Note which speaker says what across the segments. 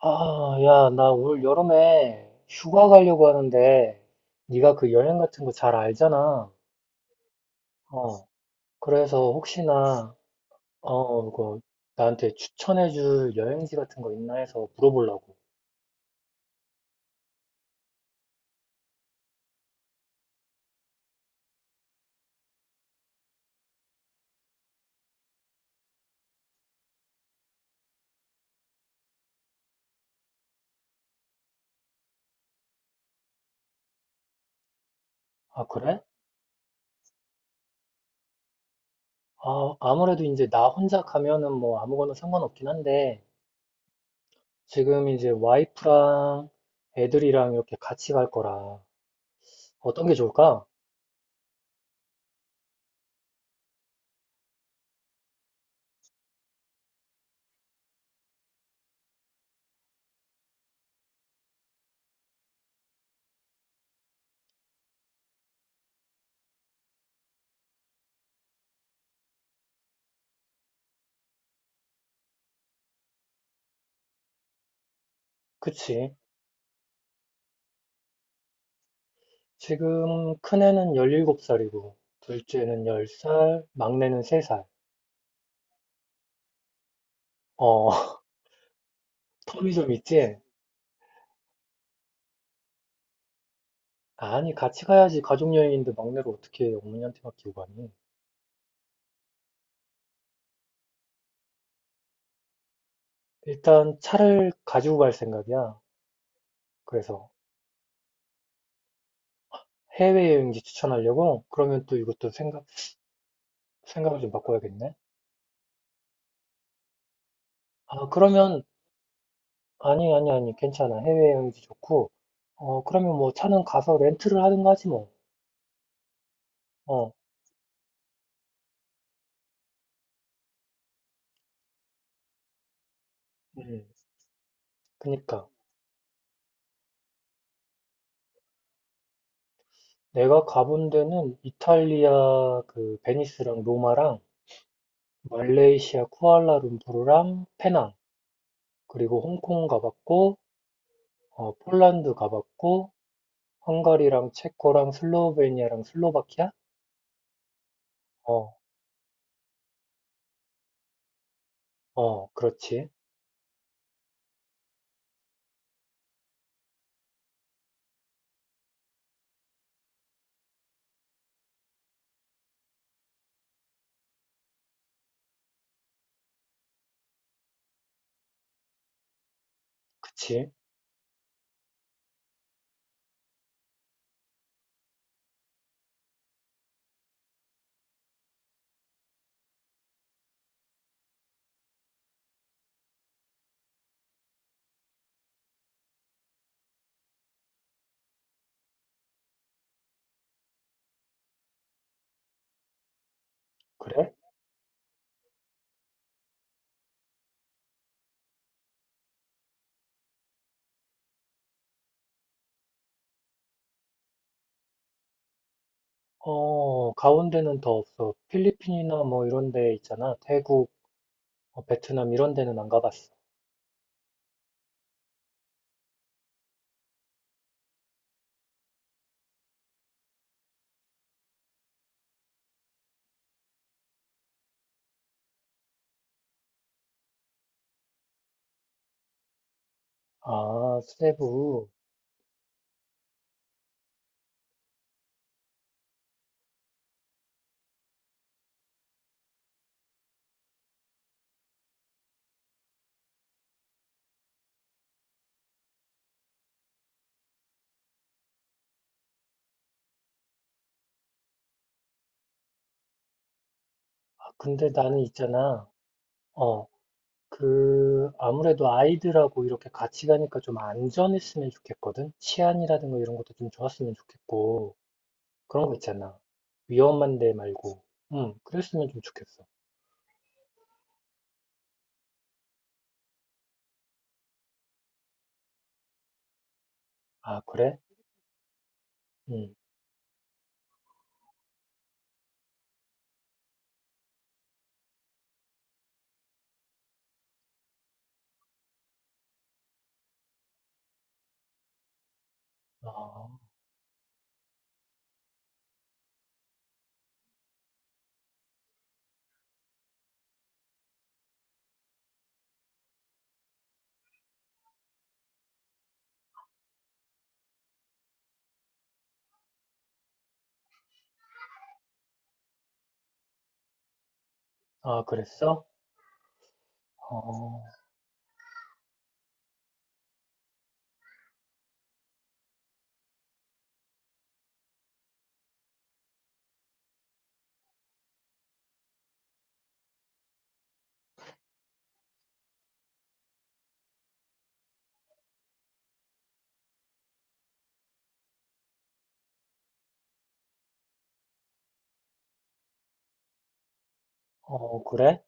Speaker 1: 아, 야, 나 올 여름에 휴가 가려고 하는데 네가 그 여행 같은 거 잘 알잖아. 어, 그래서 혹시나 어, 그 나한테 추천해줄 여행지 같은 거 있나 해서 물어보려고. 아, 그래? 아, 아무래도 이제 나 혼자 가면은 뭐 아무거나 상관없긴 한데 지금 이제 와이프랑 애들이랑 이렇게 같이 갈 거라 어떤 게 좋을까? 그치? 지금 큰애는 열일곱 살이고 둘째는 열 살 막내는 세살. 어, 텀이 좀 있지? 아니, 같이 가야지. 가족 여행인데 막내를 어떻게 어머니한테 맡기고 가니? 일단 차를 가지고 갈 생각이야. 그래서 해외여행지 추천하려고? 그러면 생각을 좀 바꿔야겠네. 아, 그러면, 아니, 아니, 아니, 괜찮아. 해외여행지 좋고. 어, 그러면 뭐 차는 가서 렌트를 하든가 하지 뭐. 어, 음, 그니까. 내가 가본 데는 이탈리아 그 베니스랑 로마랑 말레이시아 쿠알라룸푸르랑 페낭. 그리고 홍콩 가봤고, 어, 폴란드 가봤고, 헝가리랑 체코랑 슬로베니아랑 슬로바키아? 어, 어, 그렇지. 그치. 그래? 어, 가운데는 더 없어. 필리핀이나 뭐 이런 데 있잖아. 태국, 어, 베트남 이런 데는 안 가봤어. 아, 세부. 아, 근데 나는 있잖아. 어, 아무래도 아이들하고 이렇게 같이 가니까 좀 안전했으면 좋겠거든? 치안이라든가 이런 것도 좀 좋았으면 좋겠고. 그런 거 있잖아. 위험한데 말고. 응, 그랬으면 좀 좋겠어. 아, 그래? 응. 어, 아, 그랬어? 어, 어, 그래?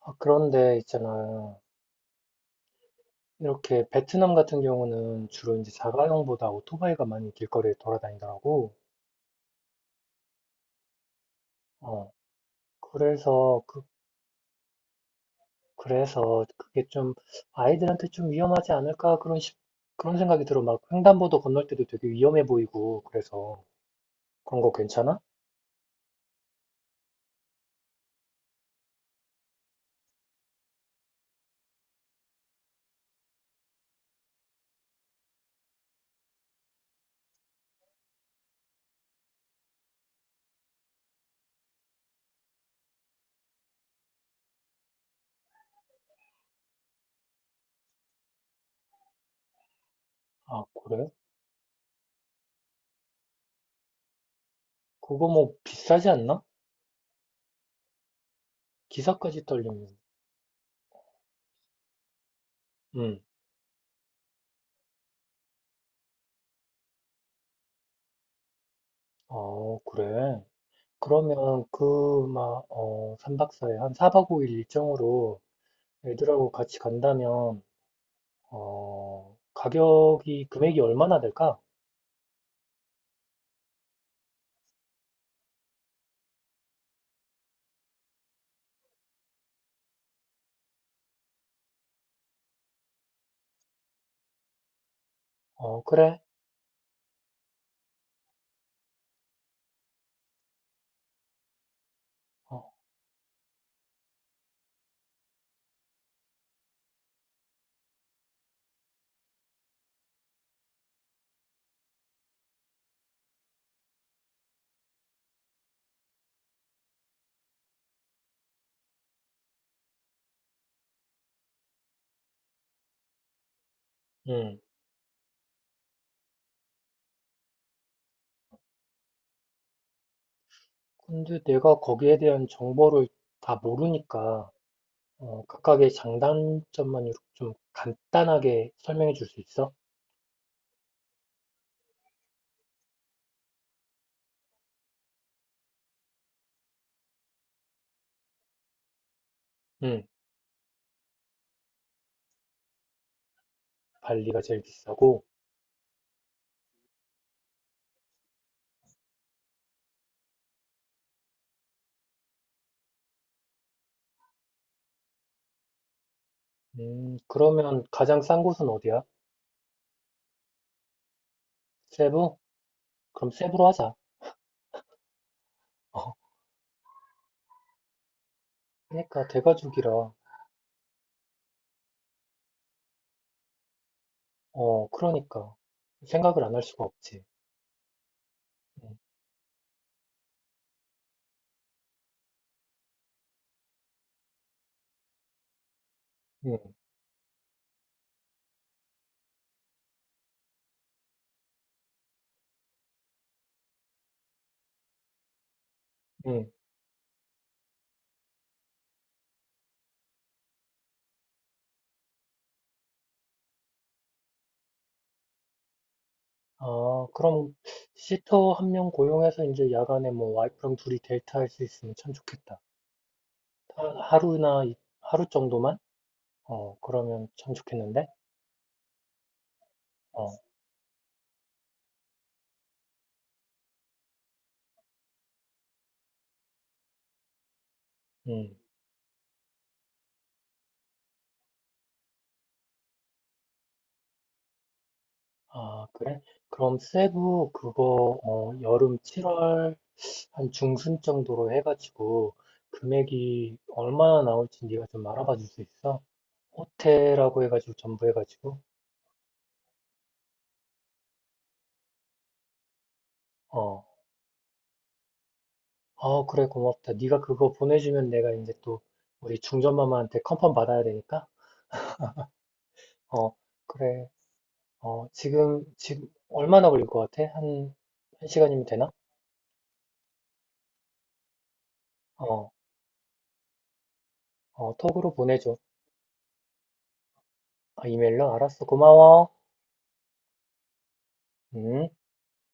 Speaker 1: 아, 그런데 있잖아. 이렇게 베트남 같은 경우는 주로 이제 자가용보다 오토바이가 많이 길거리에 돌아다니더라고. 어, 그래서, 그, 그래서 그게 좀 아이들한테 좀 위험하지 않을까? 그런 생각이 들어. 막 횡단보도 건널 때도 되게 위험해 보이고, 그래서. 그런 거 괜찮아? 아, 그래? 그거 뭐 비싸지 않나? 기사까지 떨리면. 음. 어, 그래. 그러면 삼박 사 일한 4박 5일 일정으로 애들하고 같이 간다면, 금액이 얼마나 될까? 어, 그래. 어, 음. 근데 내가 거기에 대한 정보를 다 모르니까, 어, 각각의 장단점만 이렇게 좀 간단하게 설명해 줄 수 있어? 응. 발리가 제일 비싸고, 그러면 가장 싼 곳은 어디야? 세부? 그럼 세부로 하자. 그러니까 대가족이라 어 그러니까 생각을 안 할 수가 없지. 응, 응, 응. 아 그럼 시터 한 명 고용해서 이제 야간에 뭐 와이프랑 둘이 데이트할 수 있으면 참 좋겠다. 하루나 하루 정도만? 어 그러면 참 좋겠는데? 어, 음. 아 그래? 그럼 세부 그거 어 여름 7월 한 중순 정도로 해가지고 금액이 얼마나 나올지 네가 좀 알아봐 줄 수 있어? 호텔하고 해가지고 전부 해가지고. 어, 어, 그래, 고맙다. 네가 그거 보내주면 내가 이제 또 우리 중전마마한테 컨펌 받아야 되니까. 어, 그래. 어, 지금 얼마나 걸릴 것 같아? 한 시간이면 되나? 어, 어, 톡으로 보내줘. 아, 이메일로? 알았어. 고마워. 음.